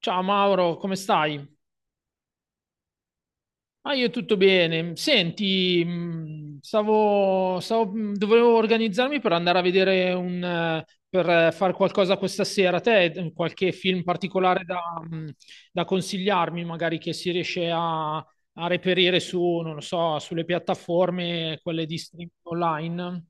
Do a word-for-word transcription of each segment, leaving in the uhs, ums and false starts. Ciao Mauro, come stai? Ah, io tutto bene. Senti, mh, stavo, stavo- mh, dovevo organizzarmi per andare a vedere un, eh, per eh, fare qualcosa questa sera. Te, eh, qualche film particolare da, mh, da consigliarmi, magari che si riesce a, a reperire su, non lo so, sulle piattaforme, quelle di streaming online?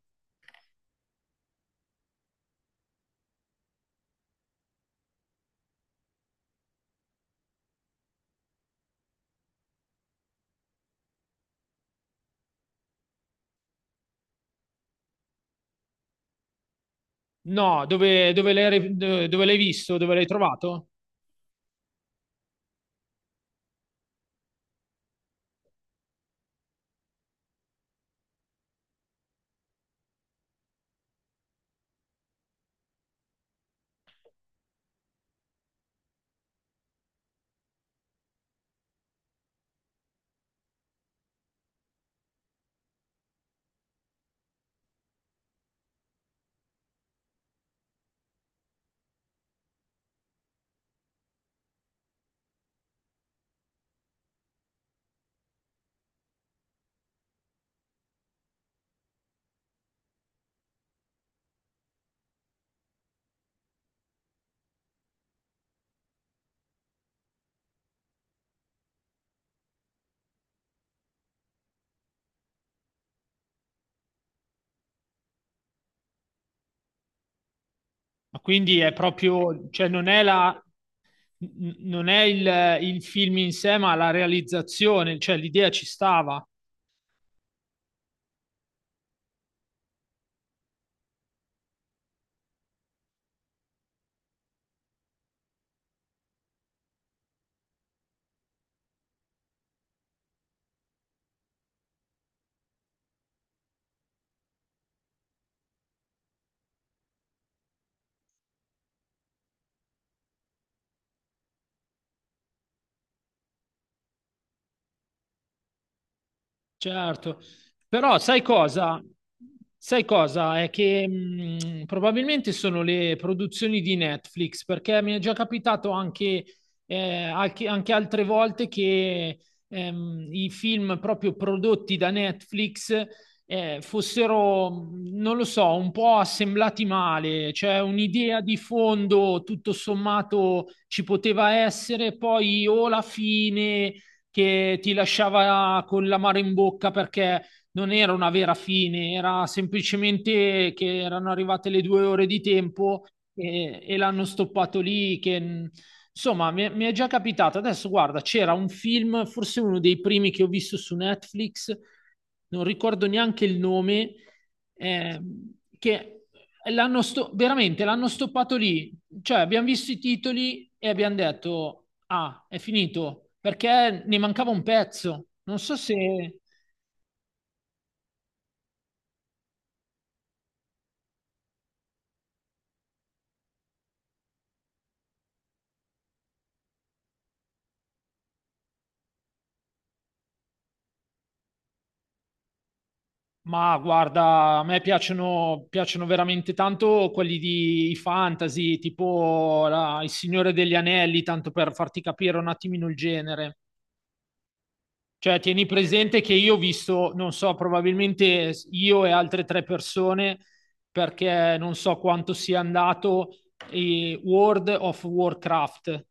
No, dove, dove l'hai re- dove- dove l'hai visto? Dove l'hai trovato? Ma quindi è proprio, cioè non è la, n- non è il, il film in sé, ma la realizzazione, cioè l'idea ci stava. Certo, però sai cosa? Sai cosa? È che mh, probabilmente sono le produzioni di Netflix, perché mi è già capitato anche, eh, anche- anche altre volte che ehm, i film proprio prodotti da Netflix eh, fossero, mh, non lo so, un po' assemblati male, cioè un'idea di fondo tutto sommato ci poteva essere, poi o la fine che ti lasciava con l'amaro in bocca perché non era una vera fine, era semplicemente che erano arrivate le due ore di tempo e, e l'hanno stoppato lì. Che, insomma, mi, mi è già capitato. Adesso, guarda, c'era un film, forse uno dei primi che ho visto su Netflix, non ricordo neanche il nome, eh, che l'hanno sto- veramente l'hanno stoppato lì. Cioè, abbiamo visto i titoli e abbiamo detto: ah, è finito perché ne mancava un pezzo. Non so se... Ma guarda, a me piacciono, piacciono veramente tanto quelli di fantasy, tipo la- Il Signore degli Anelli, tanto per farti capire un attimino il genere. Cioè, tieni presente che io ho visto, non so, probabilmente io e altre tre persone, perché non so quanto sia andato, eh, World of Warcraft,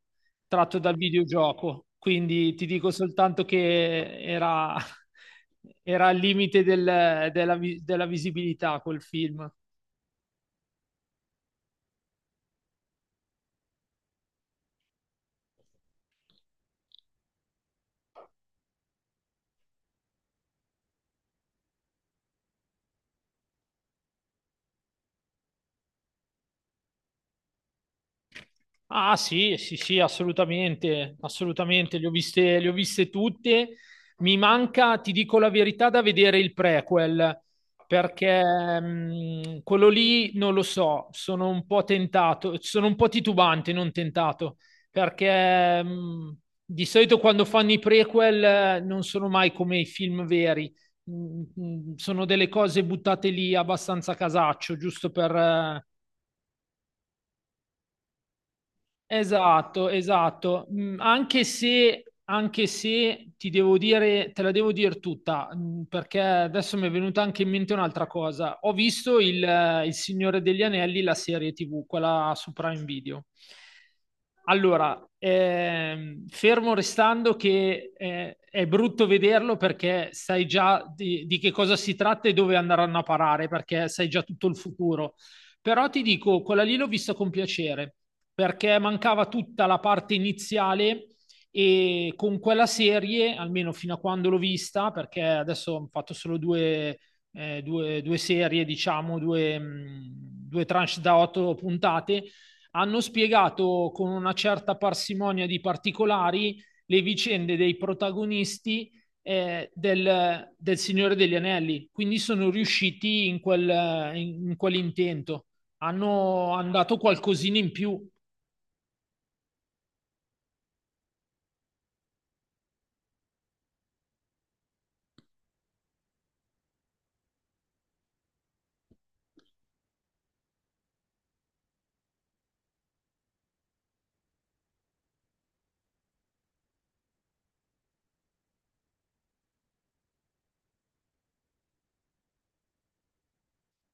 tratto dal videogioco. Quindi ti dico soltanto che era, era al limite del- della vi- della visibilità quel film. Ah sì, sì, sì, assolutamente, assolutamente, le ho viste, le ho viste tutte. Mi manca, ti dico la verità, da vedere il prequel, perché mh, quello lì non lo so, sono un po' tentato, sono un po' titubante, non tentato, perché mh, di solito quando fanno i prequel eh, non sono mai come i film veri. Mh, mh, sono delle cose buttate lì abbastanza a casaccio, giusto per... eh, esatto, esatto. Mm, anche se, anche se ti devo dire, te la devo dire tutta, mm, perché adesso mi è venuta anche in mente un'altra cosa. Ho visto il, eh, il Signore degli Anelli, la serie T V, quella su Prime Video. Allora, ehm, fermo restando che eh, è brutto vederlo perché sai già di, di che cosa si tratta e dove andranno a parare, perché sai già tutto il futuro. Però ti dico, quella lì l'ho vista con piacere perché mancava tutta la parte iniziale e con quella serie, almeno fino a quando l'ho vista, perché adesso ho fatto solo due, eh, due, due serie, diciamo, due, mh, due tranche da otto puntate, hanno spiegato con una certa parsimonia di particolari le vicende dei protagonisti eh, del, del Signore degli Anelli, quindi sono riusciti in, quel, in, in quell'intento, hanno, hanno dato qualcosina in più.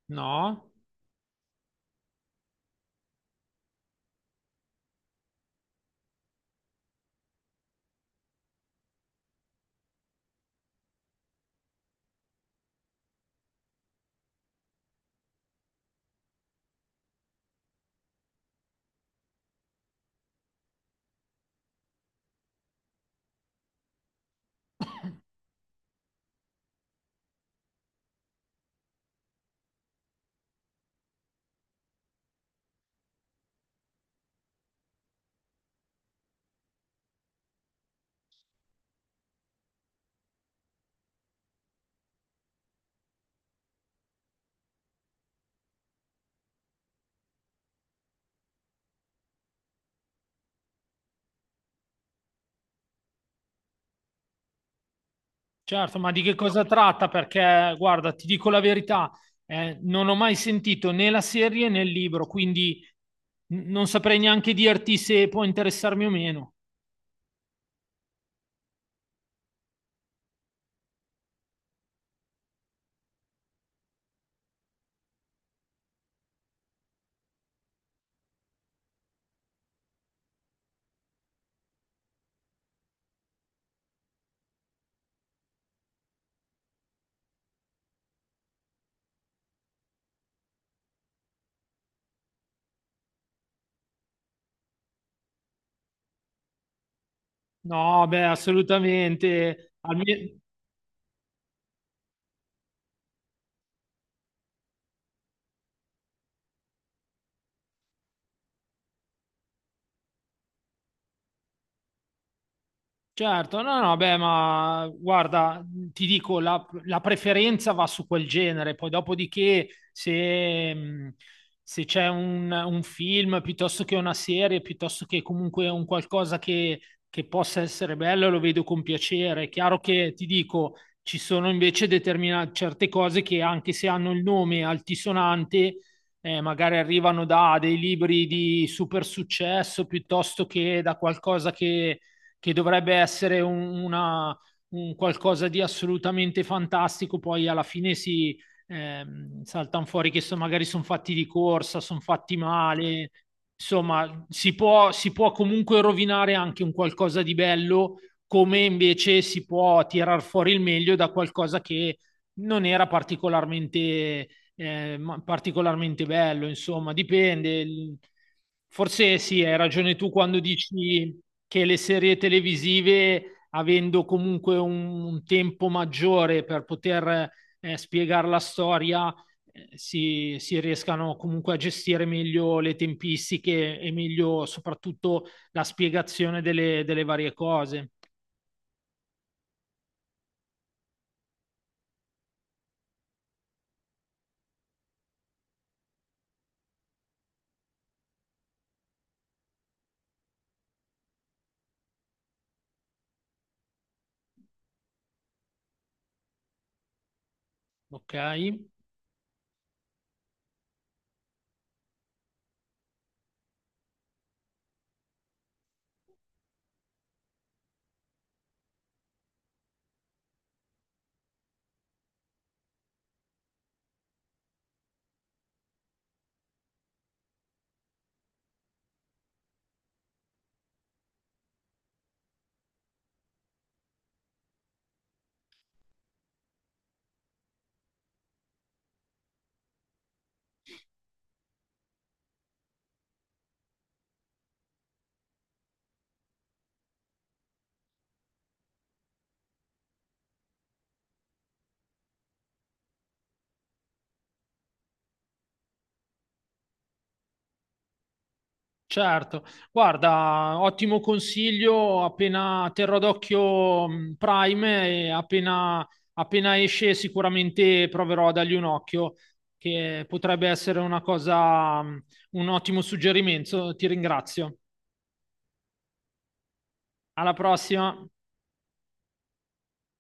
No, certo, ma di che cosa tratta? Perché, guarda, ti dico la verità, eh, non ho mai sentito né la serie né il libro, quindi n- non saprei neanche dirti se può interessarmi o meno. No, beh, assolutamente. Alme- Certo, no, no, beh, ma guarda, ti dico, la, la preferenza va su quel genere, poi dopodiché se, mh, se c'è un, un film piuttosto che una serie, piuttosto che comunque un qualcosa che, che possa essere bello, lo vedo con piacere. È chiaro che ti dico, ci sono invece determinate certe cose che anche se hanno il nome altisonante, eh, magari arrivano da dei libri di super successo piuttosto che da qualcosa che che dovrebbe essere un, una, un qualcosa di assolutamente fantastico, poi alla fine si eh, saltano fuori che so, magari sono fatti di corsa, sono fatti male, insomma si può, si può comunque rovinare anche un qualcosa di bello, come invece si può tirar fuori il meglio da qualcosa che non era particolarmente eh, ma- particolarmente bello, insomma, dipende. Il- Forse sì, hai ragione tu quando dici che le serie televisive, avendo comunque un, un tempo maggiore per poter eh, spiegare la storia, eh, si, si riescano comunque a gestire meglio le tempistiche e meglio soprattutto la spiegazione delle delle varie cose. Ok. Certo, guarda, ottimo consiglio, appena terrò d'occhio mh, Prime e appena, appena esce sicuramente proverò a dargli un occhio, che potrebbe essere una cosa, mh, un ottimo suggerimento. Ti ringrazio. Alla prossima.